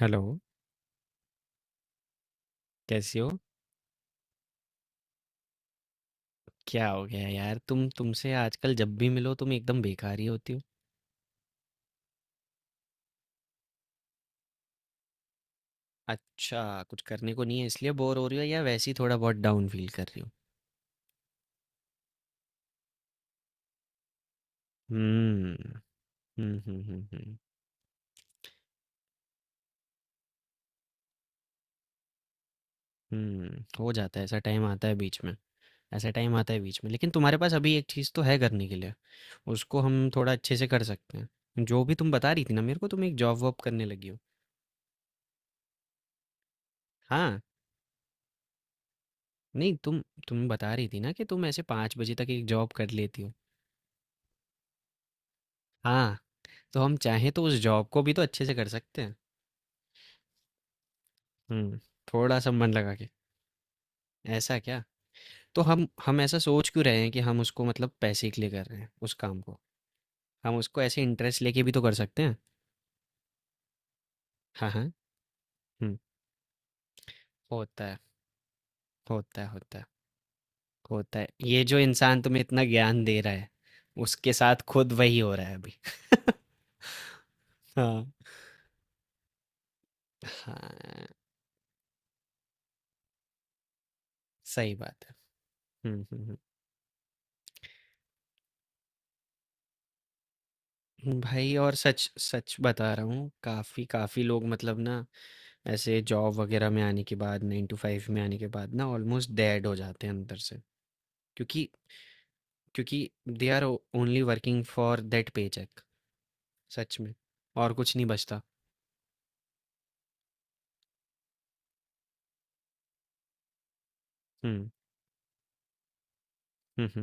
Hello. कैसी हो? क्या हो गया यार, तुमसे आजकल जब भी मिलो तुम एकदम बेकार ही होती हो। अच्छा। कुछ करने को नहीं है इसलिए बोर हो रही हो, या वैसे ही थोड़ा बहुत डाउन फील कर रही हो? हम्म हम्म, हम्म। हो जाता है, ऐसा टाइम आता है बीच में। ऐसा टाइम आता है बीच में, लेकिन तुम्हारे पास अभी एक चीज़ तो है करने के लिए। उसको हम थोड़ा अच्छे से कर सकते हैं, जो भी तुम बता रही थी ना मेरे को, तुम एक जॉब वॉब करने लगी हो। हाँ, नहीं तुम बता रही थी ना कि तुम ऐसे 5 बजे तक एक जॉब कर लेती हो। हाँ। तो हम चाहें तो उस जॉब को भी तो अच्छे से कर सकते हैं। हुँ, थोड़ा-सा मन लगा के। ऐसा क्या? तो हम ऐसा सोच क्यों रहे हैं कि हम उसको मतलब पैसे के लिए कर रहे हैं उस काम को? हम उसको ऐसे इंटरेस्ट लेके भी तो कर सकते हैं। हाँ, हाँ। हुँ, होता है, होता है, होता है, होता है। ये जो इंसान तुम्हें इतना ज्ञान दे रहा है, उसके साथ खुद वही हो रहा है अभी। हाँ। हाँ, सही बात है। हुँ, हुँ, हुँ। भाई, और सच सच बता रहा हूँ, काफ़ी काफ़ी लोग मतलब ना ऐसे जॉब वगैरह में आने के बाद 9 टू 5 में आने के बाद ना ऑलमोस्ट डेड हो जाते हैं अंदर से। क्योंकि क्योंकि they are only working for that paycheck. सच में। और कुछ नहीं बचता। हम्म hmm hmm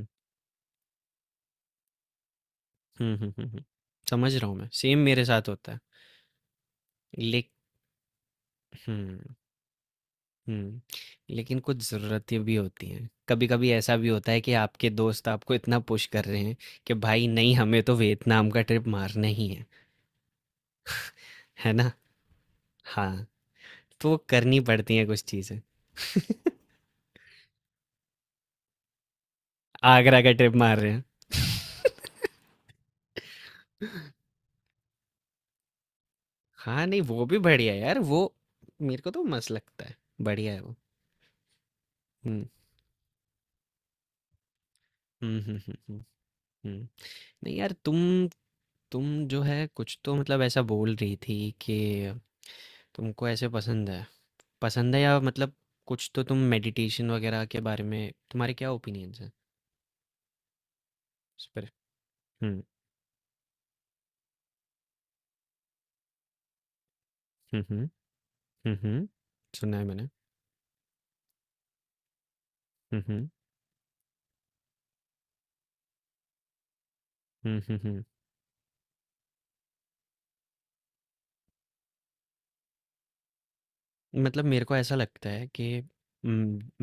hmm hmm hmm, हम्म। समझ रहा हूँ मैं, सेम मेरे साथ होता है। ले हम्म हम्म। लेकिन कुछ ज़रूरतें भी होती हैं, कभी कभी ऐसा भी होता है कि आपके दोस्त आपको इतना पुश कर रहे हैं कि भाई नहीं, हमें तो वियतनाम का ट्रिप मारना ही है। है ना। हाँ, तो वो करनी पड़ती हैं कुछ चीज़ें। आगरा का ट्रिप मार रहे हैं। हाँ नहीं, वो भी बढ़िया है यार, वो मेरे को तो मस्त लगता है। बढ़िया है वो। हम्म हम्म हम्म हम्म हम्म, हम्म। नहीं यार, तुम जो है कुछ तो मतलब ऐसा बोल रही थी कि तुमको ऐसे पसंद है, पसंद है या मतलब, कुछ तो तुम मेडिटेशन वगैरह के बारे में तुम्हारे क्या ओपिनियंस हैं उस पर? हम्म हम्म हम्म हम्म हम्म, सुना है मैंने। हम्म हम्म हम्म हम्म हम्म। मतलब मेरे को ऐसा लगता है कि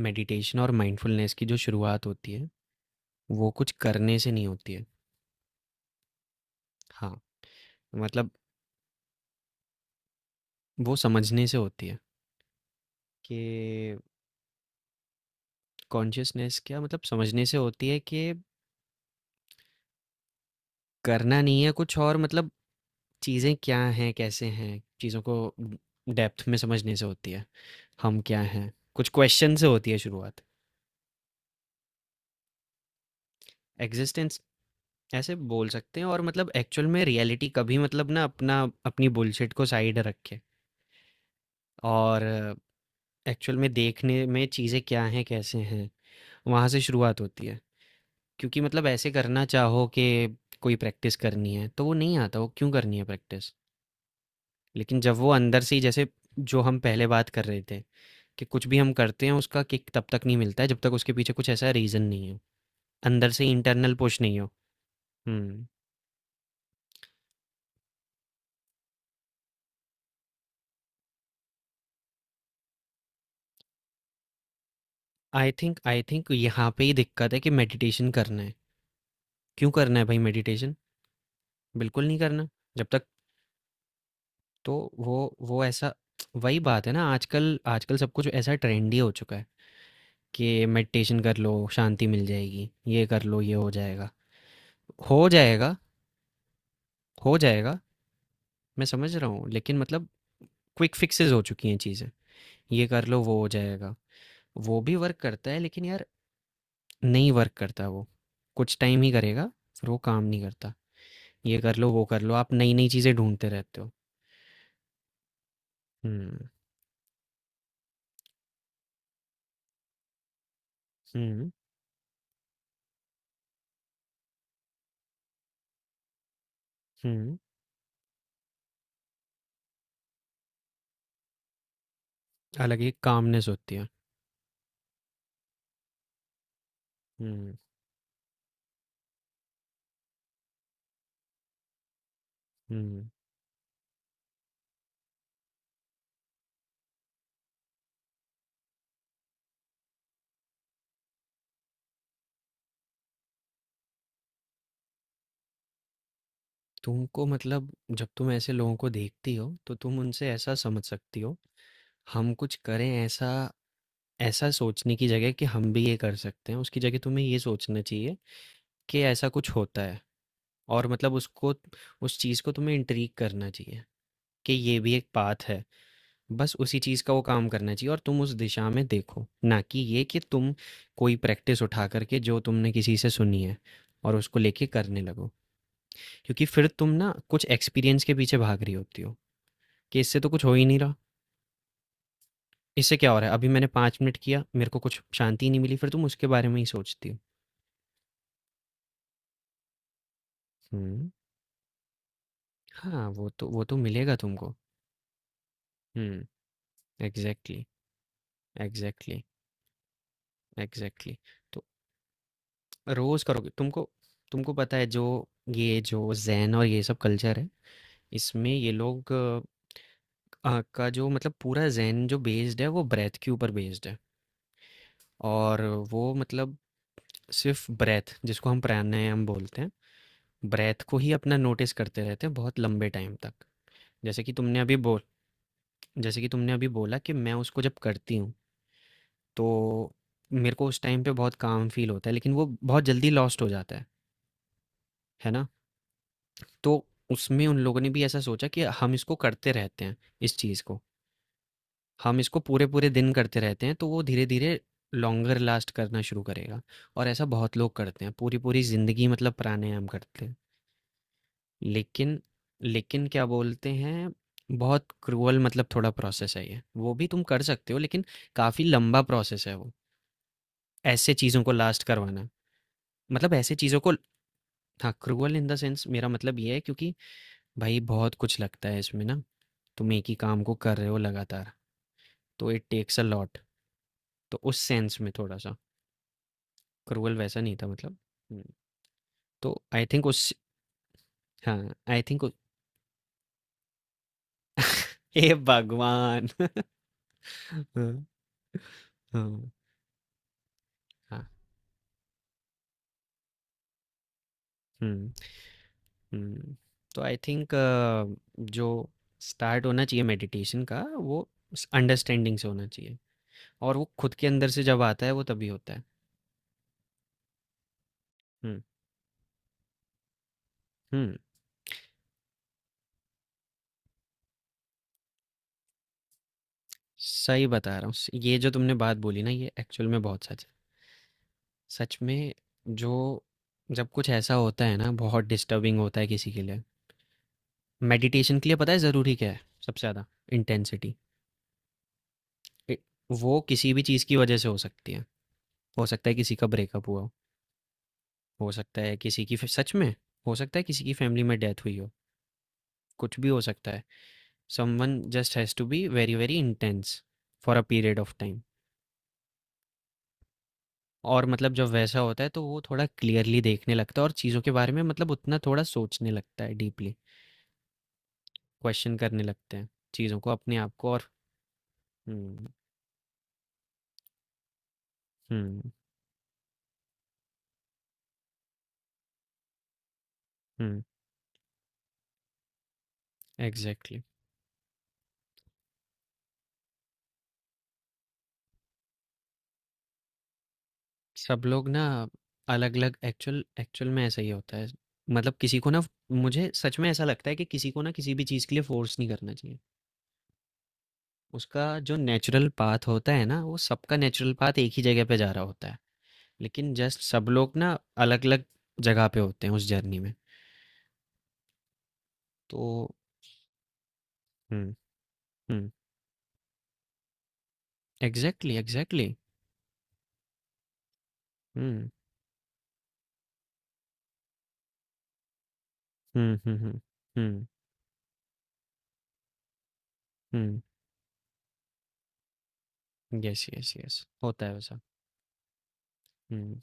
मेडिटेशन और माइंडफुलनेस की जो शुरुआत होती है, वो कुछ करने से नहीं होती है। हाँ, मतलब वो समझने से होती है कि कॉन्शियसनेस, क्या मतलब समझने से होती है कि करना नहीं है कुछ, और मतलब चीज़ें क्या हैं, कैसे हैं? चीज़ों को डेप्थ में समझने से होती है। हम क्या हैं? कुछ क्वेश्चन से होती है शुरुआत। एग्ज़िस्टेंस ऐसे बोल सकते हैं, और मतलब एक्चुअल में रियलिटी, कभी मतलब ना अपना अपनी बुलशिट को साइड रखे और एक्चुअल में देखने में चीज़ें क्या हैं, कैसे हैं? वहाँ से शुरुआत होती है। क्योंकि मतलब ऐसे करना चाहो कि कोई प्रैक्टिस करनी है तो वो नहीं आता, वो क्यों करनी है प्रैक्टिस। लेकिन जब वो अंदर से ही, जैसे जो हम पहले बात कर रहे थे, कि कुछ भी हम करते हैं उसका किक तब तक नहीं मिलता है जब तक उसके पीछे कुछ ऐसा रीज़न नहीं हो, अंदर से इंटरनल पुश नहीं हो। हम्म। आई थिंक यहाँ पे ही दिक्कत है कि मेडिटेशन करना है। क्यों करना है भाई मेडिटेशन? बिल्कुल नहीं करना जब तक। तो वो वो ऐसा, वही बात है ना, आजकल आजकल सब कुछ ऐसा ट्रेंडी हो चुका है कि मेडिटेशन कर लो, शांति मिल जाएगी, ये कर लो, ये हो जाएगा, हो जाएगा, हो जाएगा। मैं समझ रहा हूँ, लेकिन मतलब क्विक फिक्सेस हो चुकी हैं चीज़ें, ये कर लो वो हो जाएगा। वो भी वर्क करता है लेकिन यार, नहीं वर्क करता वो, कुछ टाइम ही करेगा, फिर वो काम नहीं करता। ये कर लो वो कर लो, आप नई नई चीज़ें ढूंढते रहते हो। हम्म हम्म हम्म। अलग ही कामनेस होती है। हम्म हम्म। तुमको मतलब जब तुम ऐसे लोगों को देखती हो तो तुम उनसे ऐसा समझ सकती हो, हम कुछ करें ऐसा, ऐसा सोचने की जगह कि हम भी ये कर सकते हैं, उसकी जगह तुम्हें ये सोचना चाहिए कि ऐसा कुछ होता है, और मतलब उसको उस चीज़ को तुम्हें इंट्रीग करना चाहिए कि ये भी एक पाथ है। बस उसी चीज़ का वो काम करना चाहिए और तुम उस दिशा में देखो, ना कि ये कि तुम कोई प्रैक्टिस उठा कर के जो तुमने किसी से सुनी है और उसको लेके करने लगो। क्योंकि फिर तुम ना कुछ एक्सपीरियंस के पीछे भाग रही होती हो कि इससे तो कुछ हो ही नहीं रहा। इससे क्या हो रहा है? अभी मैंने 5 मिनट किया, मेरे को कुछ शांति नहीं मिली, फिर तुम उसके बारे में ही सोचती हो। हुँ, हाँ, वो तो मिलेगा तुमको। हुँ, एग्ज़ैक्टली, एग्ज़ैक्टली, एग्ज़ैक्टली। तो रोज़ करोगे तुमको। तुमको पता है, जो ये जो ज़ेन और ये सब कल्चर है, इसमें ये लोग का जो मतलब पूरा ज़ेन जो बेस्ड है, वो ब्रेथ के ऊपर बेस्ड है, और वो मतलब सिर्फ़ ब्रेथ जिसको हम प्राणायाम बोलते हैं, ब्रेथ को ही अपना नोटिस करते रहते हैं बहुत लंबे टाइम तक। जैसे कि तुमने अभी बोल जैसे कि तुमने अभी बोला कि मैं उसको जब करती हूँ, तो मेरे को उस टाइम पे बहुत काम फील होता है, लेकिन वो बहुत जल्दी लॉस्ट हो जाता है ना। तो उसमें उन लोगों ने भी ऐसा सोचा कि हम इसको करते रहते हैं, इस चीज़ को, हम इसको पूरे पूरे दिन करते रहते हैं तो वो धीरे धीरे लॉन्गर लास्ट करना शुरू करेगा। और ऐसा बहुत लोग करते हैं पूरी पूरी ज़िंदगी, मतलब प्राणायाम करते हैं, लेकिन लेकिन क्या बोलते हैं, बहुत क्रूअल मतलब थोड़ा प्रोसेस है ये, वो भी तुम कर सकते हो लेकिन काफ़ी लंबा प्रोसेस है वो, ऐसे चीज़ों को लास्ट करवाना, मतलब ऐसे चीज़ों को। हाँ क्रूअल इन द सेंस, मेरा मतलब ये है क्योंकि भाई बहुत कुछ लगता है इसमें ना, तुम एक ही काम को कर रहे हो लगातार, तो इट टेक्स अ लॉट। तो उस सेंस में थोड़ा सा क्रूअल, वैसा नहीं था मतलब। हम्म, तो आई थिंक उस, हाँ आई थिंक, ए भगवान। हाँ, हाँ हाँ, हम्म। हुँ, तो आई थिंक जो स्टार्ट होना चाहिए मेडिटेशन का, वो स अंडरस्टैंडिंग से होना चाहिए, और वो खुद के अंदर से जब आता है वो तभी होता है। हुँ, हुँ, सही बता रहा हूँ, स ये जो तुमने बात बोली ना, ये एक्चुअल में बहुत सच है। सच में। जो जब कुछ ऐसा होता है ना बहुत डिस्टर्बिंग होता है किसी के लिए, मेडिटेशन के लिए पता है ज़रूरी क्या है सबसे ज़्यादा? इंटेंसिटी। ए वो किसी भी चीज़ की वजह से हो सकती है। हो सकता है किसी का ब्रेकअप हुआ हो सकता है किसी की सच में हो सकता है किसी की फैमिली में डेथ हुई हो, कुछ भी हो सकता है। Someone just has to be very very intense for a period of time. और मतलब जब वैसा होता है तो वो थोड़ा क्लियरली देखने लगता है, और चीज़ों के बारे में मतलब उतना थोड़ा सोचने लगता है डीपली, क्वेश्चन करने लगते हैं चीज़ों को, अपने आप को, और हम्म हम्म हम्म, एग्जैक्टली। सब लोग ना अलग अलग, एक्चुअल एक्चुअल में ऐसा ही होता है, मतलब किसी को ना, मुझे सच में ऐसा लगता है कि किसी को ना किसी भी चीज़ के लिए फोर्स नहीं करना चाहिए। उसका जो नेचुरल पाथ होता है ना, वो सबका नेचुरल पाथ एक ही जगह पे जा रहा होता है, लेकिन जस्ट सब लोग ना अलग अलग जगह पे होते हैं उस जर्नी में तो। Hmm hmm, exactly exactly. Hmm hmm hmm hmm hmm hmm, yes yes yes, होता है वैसा। हम्म।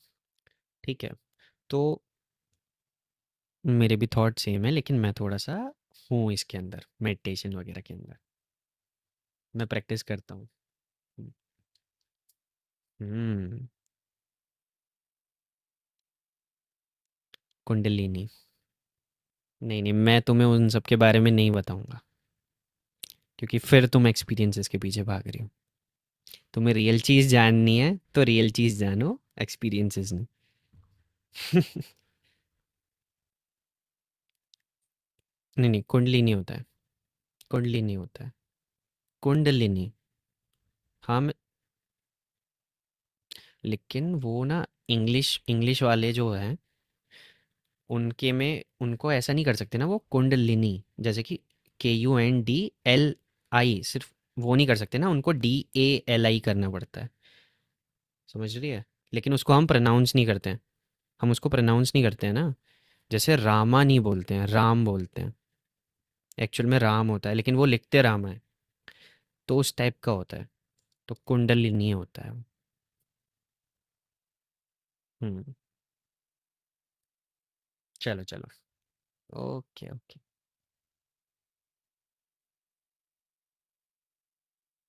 ठीक है। तो मेरे भी थॉट सेम है, लेकिन मैं थोड़ा सा हूँ इसके अंदर, मेडिटेशन वगैरह के अंदर मैं प्रैक्टिस करता हूँ। हम्म। कुंडलिनी। नहीं नहीं, मैं तुम्हें उन सब के बारे में नहीं बताऊंगा क्योंकि फिर तुम एक्सपीरियंसेस के पीछे भाग रही हो। तुम्हें रियल चीज़ जाननी है तो रियल चीज़ जानो, एक्सपीरियंसेस नहीं। नहीं नहीं, कुंडली नहीं होता है, कुंडली नहीं होता है, कुंडलिनी। हाँ, लेकिन वो ना, इंग्लिश इंग्लिश वाले जो हैं, उनके में उनको ऐसा नहीं कर सकते ना वो कुंडलिनी। जैसे कि KUNDLI, सिर्फ वो नहीं कर सकते ना, उनको DALI करना पड़ता है, समझ रही है। लेकिन उसको हम प्रोनाउंस नहीं करते हैं, हम उसको प्रोनाउंस नहीं करते हैं ना। जैसे रामा नहीं बोलते हैं, राम बोलते हैं, एक्चुअल में राम होता है लेकिन वो लिखते रामा है, तो उस टाइप का होता है, तो कुंडलिनी होता है वो। हम्म। चलो चलो। Okay okay.